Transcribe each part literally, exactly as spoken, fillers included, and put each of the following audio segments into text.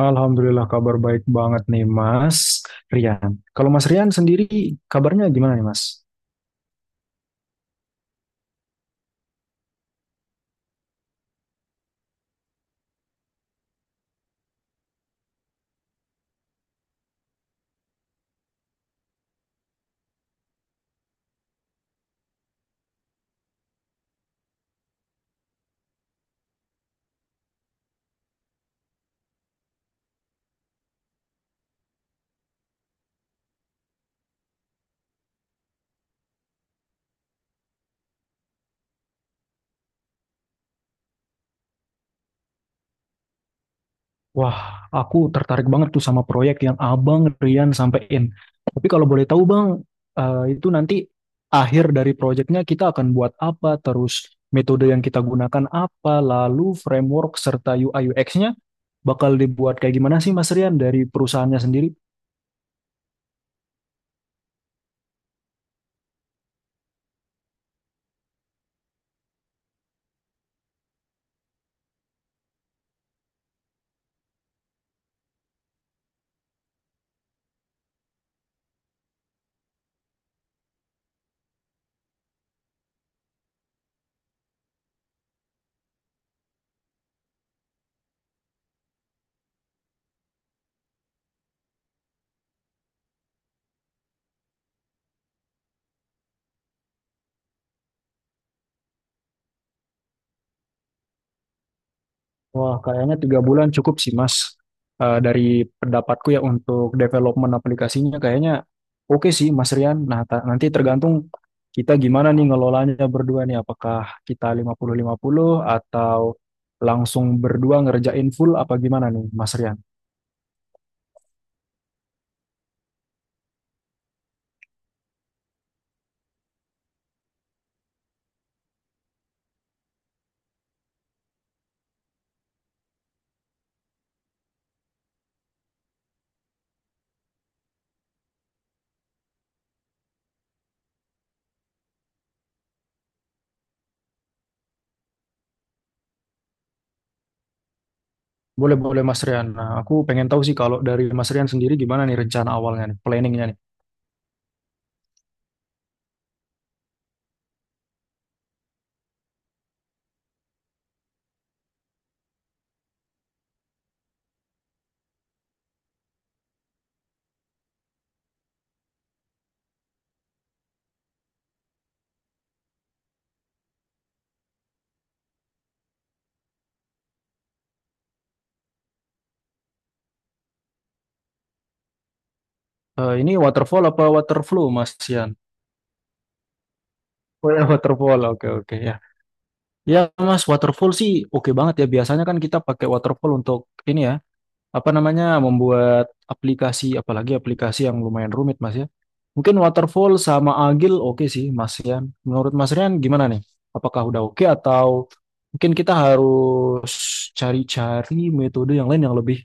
Alhamdulillah kabar baik banget nih Mas Rian. Kalau Mas Rian sendiri kabarnya gimana nih Mas? Wah, aku tertarik banget tuh sama proyek yang Abang Rian sampein. Tapi kalau boleh tahu Bang, eh, itu nanti akhir dari proyeknya kita akan buat apa, terus metode yang kita gunakan apa, lalu framework serta U I U X-nya bakal dibuat kayak gimana sih Mas Rian dari perusahaannya sendiri? Wah, kayaknya tiga bulan cukup sih, Mas. Eh, dari pendapatku ya untuk development aplikasinya kayaknya oke sih, Mas Rian. Nah, ta- nanti tergantung kita gimana nih ngelolanya berdua nih. Apakah kita lima puluh lima puluh atau langsung berdua ngerjain full apa gimana nih, Mas Rian? Boleh-boleh, Mas Rian. Nah, aku pengen tahu sih kalau dari Mas Rian sendiri gimana nih rencana awalnya nih, planningnya nih. Eh, ini waterfall apa waterflow, Mas Rian? Oh ya, waterfall. Oke, oke. Ya. Ya mas, waterfall sih oke banget ya. Biasanya kan kita pakai waterfall untuk ini ya, apa namanya, membuat aplikasi, apalagi aplikasi yang lumayan rumit mas ya. Mungkin waterfall sama Agile oke sih mas Rian. Menurut mas Rian gimana nih? Apakah udah oke atau mungkin kita harus cari-cari metode yang lain yang lebih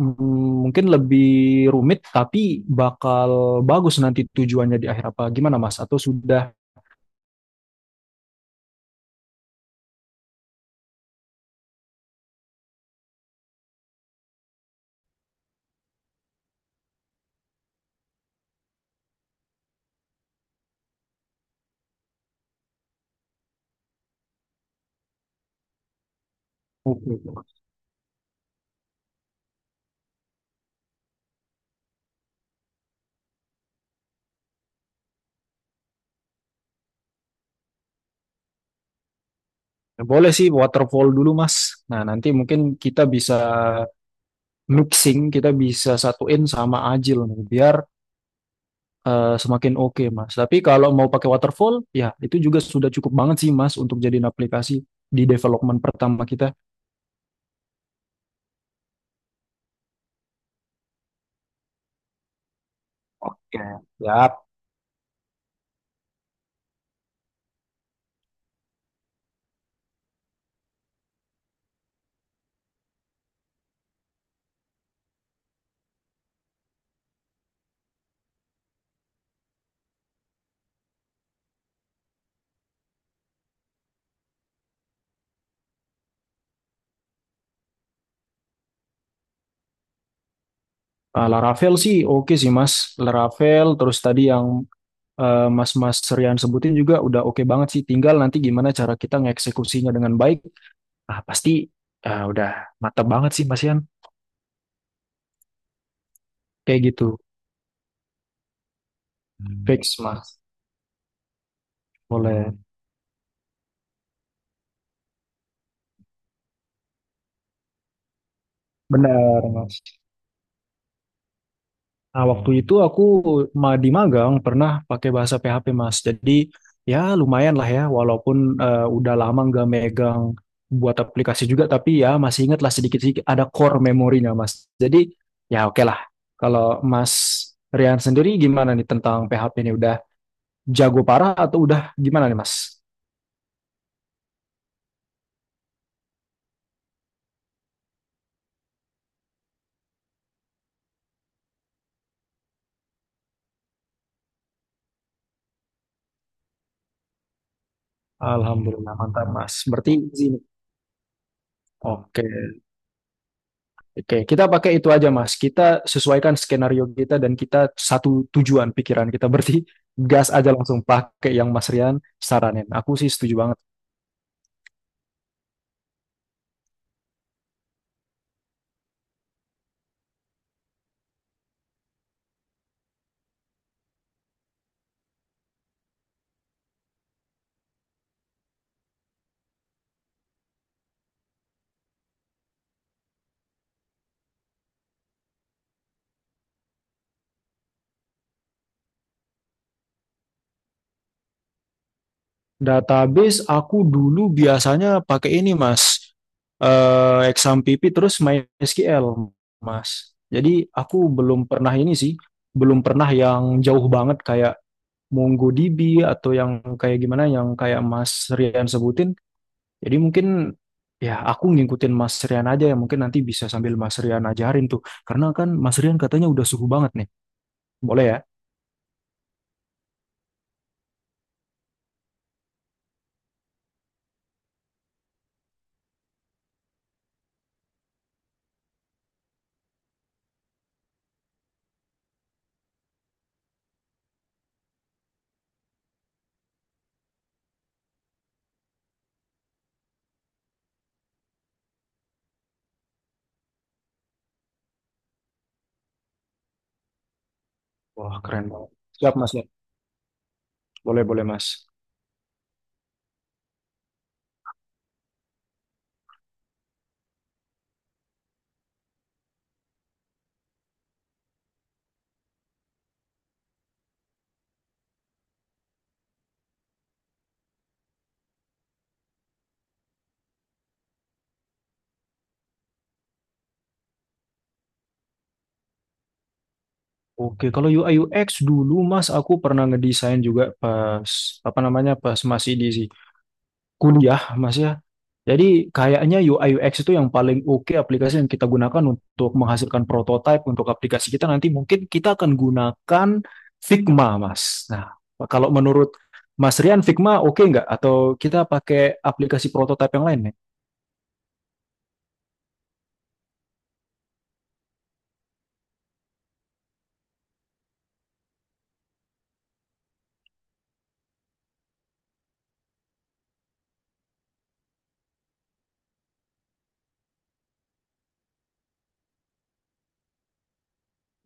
mm, mungkin lebih rumit tapi bakal bagus nanti tujuannya di akhir apa? Gimana mas? Atau sudah oke? Boleh sih waterfall dulu Mas. Nah nanti mungkin kita bisa mixing, kita bisa satuin sama Ajil nih, biar eh, semakin oke Mas. Tapi kalau mau pakai waterfall, ya itu juga sudah cukup banget sih Mas untuk jadiin aplikasi di development pertama kita. Oke, siap. Eh, Laravel sih oke sih Mas. Laravel terus tadi yang eh, Mas-Mas Rian sebutin juga udah oke banget sih. Tinggal nanti gimana cara kita ngeksekusinya dengan baik. Ah pasti ah, udah mantap banget sih Mas Rian. Kayak gitu. Fix, Mas. Boleh. Benar, Mas. Nah, waktu itu aku ma- di magang pernah pakai bahasa P H P, Mas. Jadi, ya lumayan lah ya, walaupun eh, udah lama nggak megang buat aplikasi juga, tapi ya masih ingat lah sedikit-sedikit ada core memorinya, Mas. Jadi, ya oke lah. Kalau Mas Rian sendiri gimana nih tentang P H P ini? Udah jago parah atau udah gimana nih, Mas? Alhamdulillah, mantap, Mas. Berarti, izin. Oke. Oke, kita pakai itu aja, Mas. Kita sesuaikan skenario kita dan kita satu tujuan pikiran kita. Berarti gas aja langsung pakai yang Mas Rian saranin. Aku sih setuju banget. Database aku dulu biasanya pakai ini, Mas. Eh, Exam P P terus MySQL, Mas. Jadi aku belum pernah ini sih, belum pernah yang jauh banget kayak MongoDB atau yang kayak gimana yang kayak Mas Rian sebutin. Jadi mungkin ya aku ngikutin Mas Rian aja ya, mungkin nanti bisa sambil Mas Rian ajarin tuh. Karena kan Mas Rian katanya udah suhu banget nih. Boleh ya? Wah keren banget. Siap Mas ya? Boleh boleh Mas. Oke kalau U I U X dulu Mas, aku pernah ngedesain juga pas apa namanya pas masih di kuliah Mas ya. Jadi kayaknya U I U X itu yang paling oke aplikasi yang kita gunakan untuk menghasilkan prototipe untuk aplikasi kita nanti, mungkin kita akan gunakan Figma, Mas. Nah, kalau menurut Mas Rian Figma oke nggak? Atau kita pakai aplikasi prototipe yang lain nih?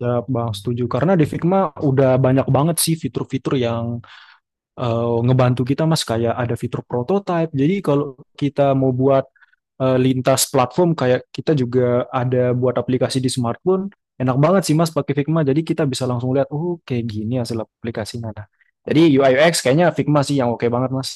Ya, Bang, setuju. Karena di Figma udah banyak banget sih fitur-fitur yang eh, ngebantu kita Mas kayak ada fitur prototype. Jadi kalau kita mau buat eh, lintas platform kayak kita juga ada buat aplikasi di smartphone, enak banget sih Mas pakai Figma. Jadi kita bisa langsung lihat, oh kayak gini hasil aplikasinya. Nah, jadi U I U X kayaknya Figma sih yang oke banget Mas.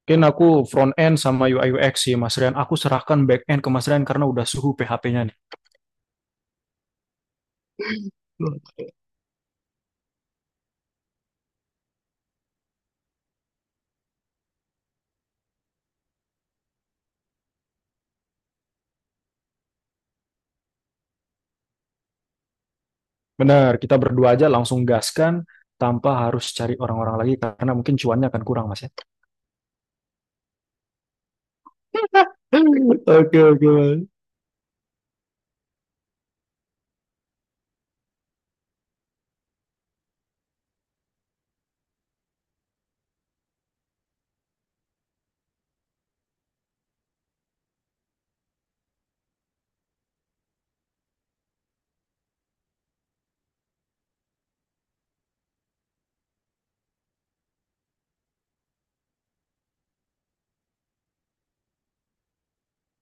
Mungkin aku front end sama U I U X sih Mas Rian. Aku serahkan back end ke Mas Rian karena udah suhu P H P-nya nih. Benar, kita berdua aja langsung gaskan tanpa harus cari orang-orang lagi karena mungkin cuannya akan kurang Mas ya. Oke, oke.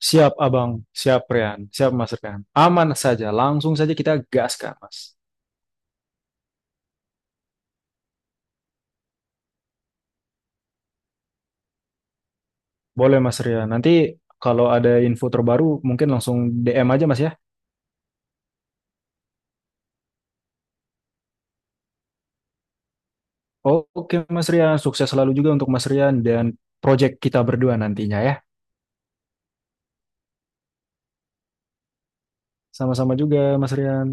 Siap, Abang. Siap, Rian. Siap, Mas Rian. Aman saja. Langsung saja kita gaskan, Mas. Boleh, Mas Rian. Nanti kalau ada info terbaru, mungkin langsung D M aja, Mas, ya. Oke, Mas Rian. Sukses selalu juga untuk Mas Rian dan project kita berdua nantinya, ya. Sama-sama juga, Mas Rian.